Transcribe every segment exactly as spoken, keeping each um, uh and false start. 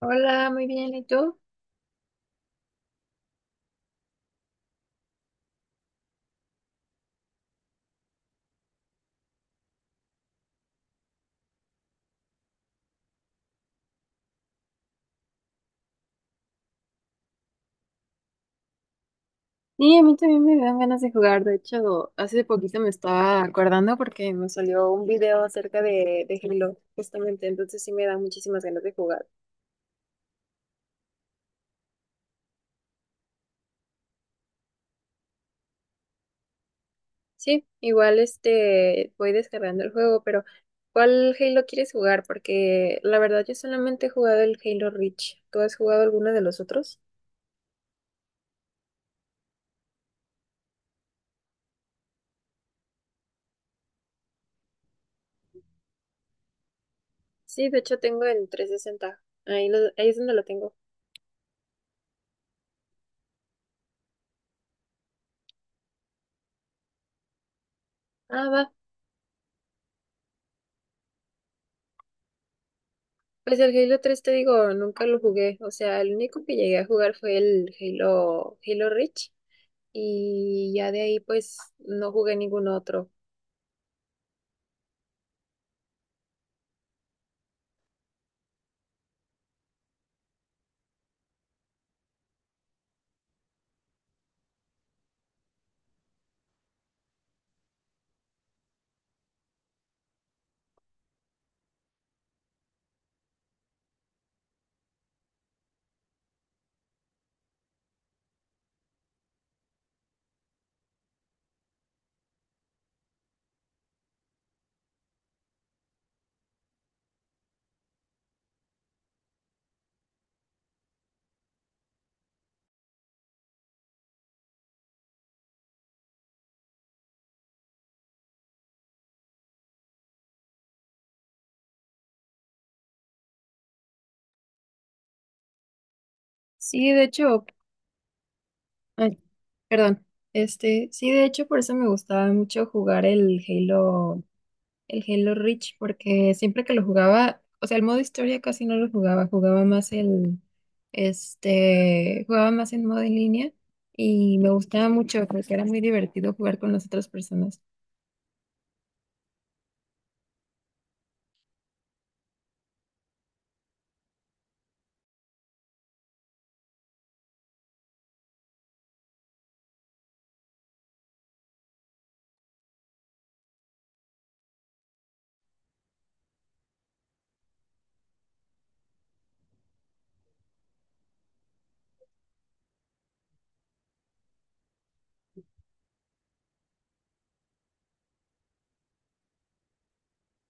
Hola, muy bien, ¿y tú? Sí, a mí también me dan ganas de jugar. De hecho, hace poquito me estaba acordando porque me salió un video acerca de, de Halo, justamente. Entonces sí me dan muchísimas ganas de jugar. Sí, igual este voy descargando el juego, pero ¿cuál Halo quieres jugar? Porque la verdad yo solamente he jugado el Halo Reach. ¿Tú has jugado alguno de los otros? Sí, de hecho tengo el trescientos sesenta. Ahí, lo- ahí es donde lo tengo. Ah, va. Pues el Halo tres te digo, nunca lo jugué. O sea, el único que llegué a jugar fue el Halo, Halo Reach. Y ya de ahí pues no jugué ningún otro. Sí, de hecho, ay, perdón, este, sí, de hecho, por eso me gustaba mucho jugar el Halo, el Halo Reach, porque siempre que lo jugaba, o sea, el modo historia casi no lo jugaba, jugaba más el, este, jugaba más en modo en línea y me gustaba mucho porque era muy divertido jugar con las otras personas.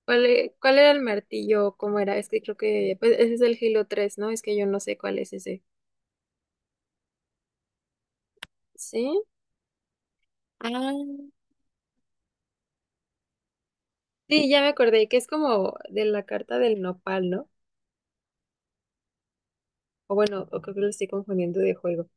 ¿Cuál, e- cuál era el martillo? ¿Cómo era? Es que creo que pues, ese es el Halo tres, ¿no? Es que yo no sé cuál es ese. ¿Sí? Ah, sí, ya me acordé, que es como de la carta del nopal, ¿no? O bueno, o creo que lo estoy confundiendo de juego.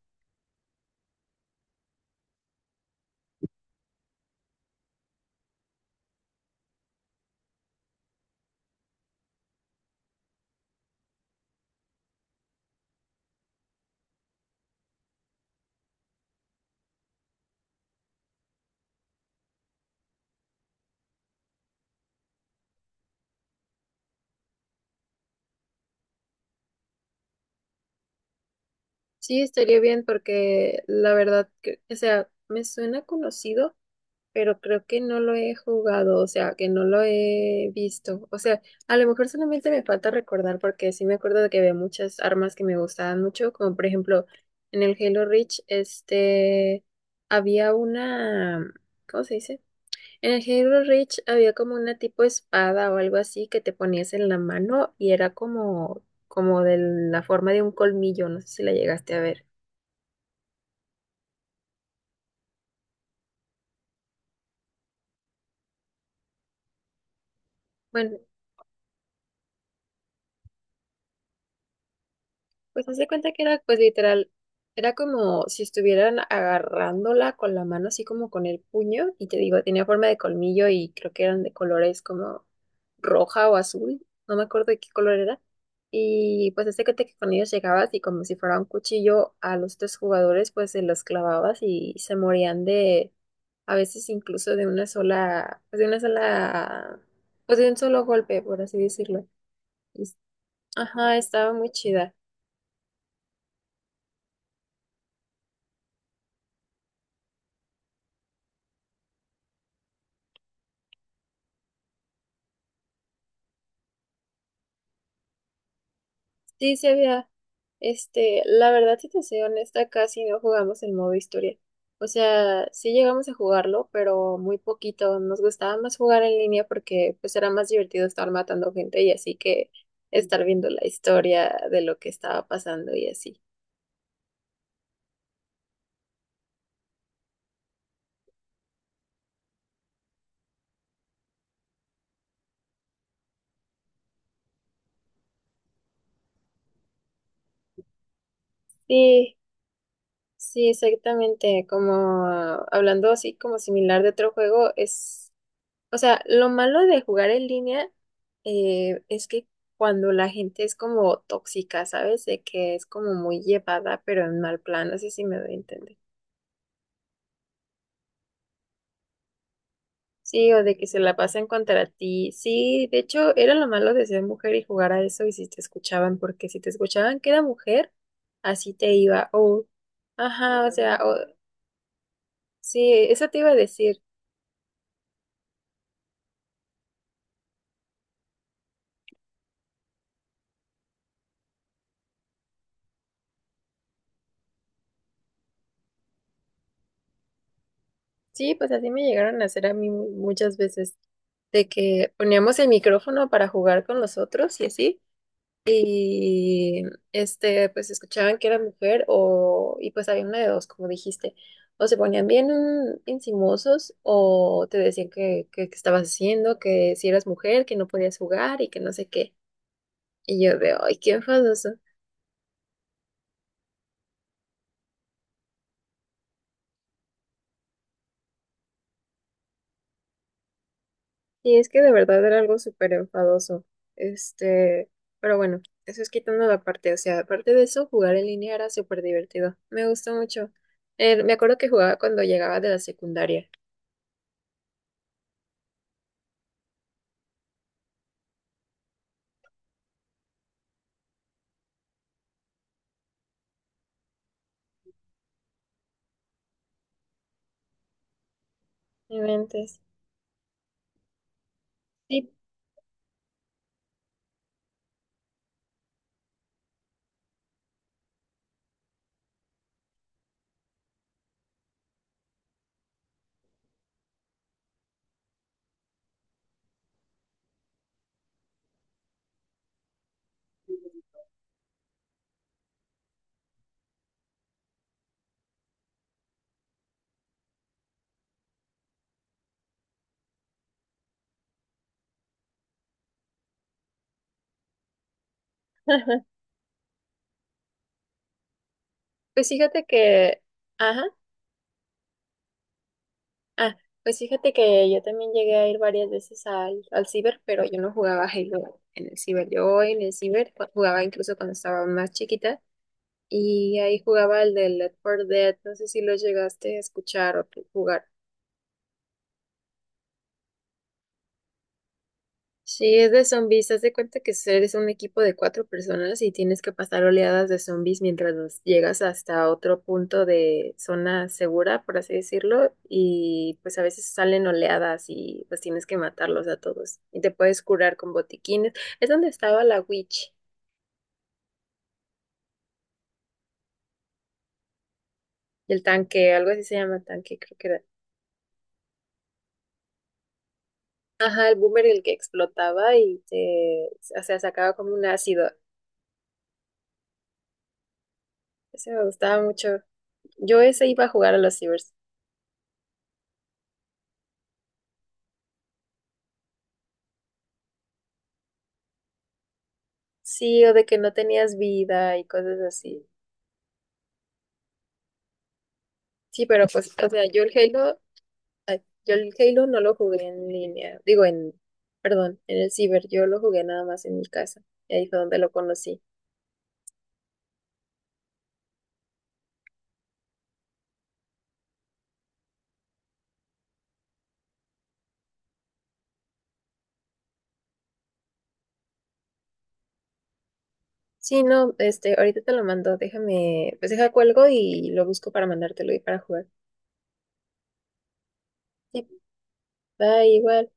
Sí, estaría bien porque la verdad, que, o sea, me suena conocido, pero creo que no lo he jugado, o sea, que no lo he visto. O sea, a lo mejor solamente me falta recordar porque sí me acuerdo de que había muchas armas que me gustaban mucho, como por ejemplo en el Halo Reach, este, había una, ¿cómo se dice? En el Halo Reach había como una tipo espada o algo así que te ponías en la mano y era como, como de la forma de un colmillo, no sé si la llegaste a ver. Bueno, pues haz de cuenta que era, pues literal, era como si estuvieran agarrándola con la mano, así como con el puño, y te digo, tenía forma de colmillo y creo que eran de colores como roja o azul, no me acuerdo de qué color era. Y pues haz de cuenta que con ellos llegabas y como si fuera un cuchillo a los tres jugadores, pues se los clavabas y se morían de, a veces incluso de una sola, pues de una sola, pues de un solo golpe, por así decirlo. Y... ajá, estaba muy chida. Sí, sí había. Este, la verdad, si te soy honesta, casi no jugamos el modo historia. O sea, sí llegamos a jugarlo, pero muy poquito. Nos gustaba más jugar en línea porque pues era más divertido estar matando gente y así que estar viendo la historia de lo que estaba pasando y así. Sí, sí, exactamente. Como ah, hablando así como similar de otro juego, es... O sea, lo malo de jugar en línea, eh, es que cuando la gente es como tóxica, ¿sabes? De que es como muy llevada, pero en mal plan, no sé si me doy a entender. Sí, o de que se la pasan contra ti. Sí, de hecho, era lo malo de ser mujer y jugar a eso y si te escuchaban, porque si te escuchaban que era mujer, así te iba. O, ajá, o sea, o, sí, eso te iba a decir. Sí, pues así me llegaron a hacer a mí mu- muchas veces, de que poníamos el micrófono para jugar con los otros y así, y este, pues escuchaban que era mujer o, y pues había una de dos, como dijiste, o se ponían bien encimosos o te decían que, que, que estabas haciendo, que si eras mujer, que no podías jugar y que no sé qué. Y yo de, ay, qué enfadoso. Y es que de verdad era algo súper enfadoso. Este, pero bueno, eso es quitando la parte. O sea, aparte de eso, jugar en línea era súper divertido. Me gustó mucho. Eh, me acuerdo que jugaba cuando llegaba de la secundaria. No inventes. Sí. Pues fíjate que, ajá, ah, pues fíjate que yo también llegué a ir varias veces al, al ciber, pero yo no jugaba Halo en el ciber. Yo en el ciber jugaba incluso cuando estaba más chiquita. Y ahí jugaba el de Left four Dead, no sé si lo llegaste a escuchar o jugar. Sí, es de zombies, haz de cuenta que eres un equipo de cuatro personas y tienes que pasar oleadas de zombies mientras los llegas hasta otro punto de zona segura, por así decirlo, y pues a veces salen oleadas y pues tienes que matarlos a todos y te puedes curar con botiquines. Es donde estaba la witch, el tanque, algo así se llama tanque, creo que era. Ajá, el boomer el que explotaba y te, o sea, sacaba como un ácido. Ese me gustaba mucho. Yo ese iba a jugar a los cibers. Sí, o de que no tenías vida y cosas así. Sí, pero pues, o sea, yo el Halo, ay, yo el Halo no lo jugué en línea, digo en, perdón, en el ciber, yo lo jugué nada más en mi casa. Y ahí fue donde lo conocí. Sí, no, este, ahorita te lo mando, déjame, pues deja cuelgo y lo busco para mandártelo y para jugar. Sí, va igual.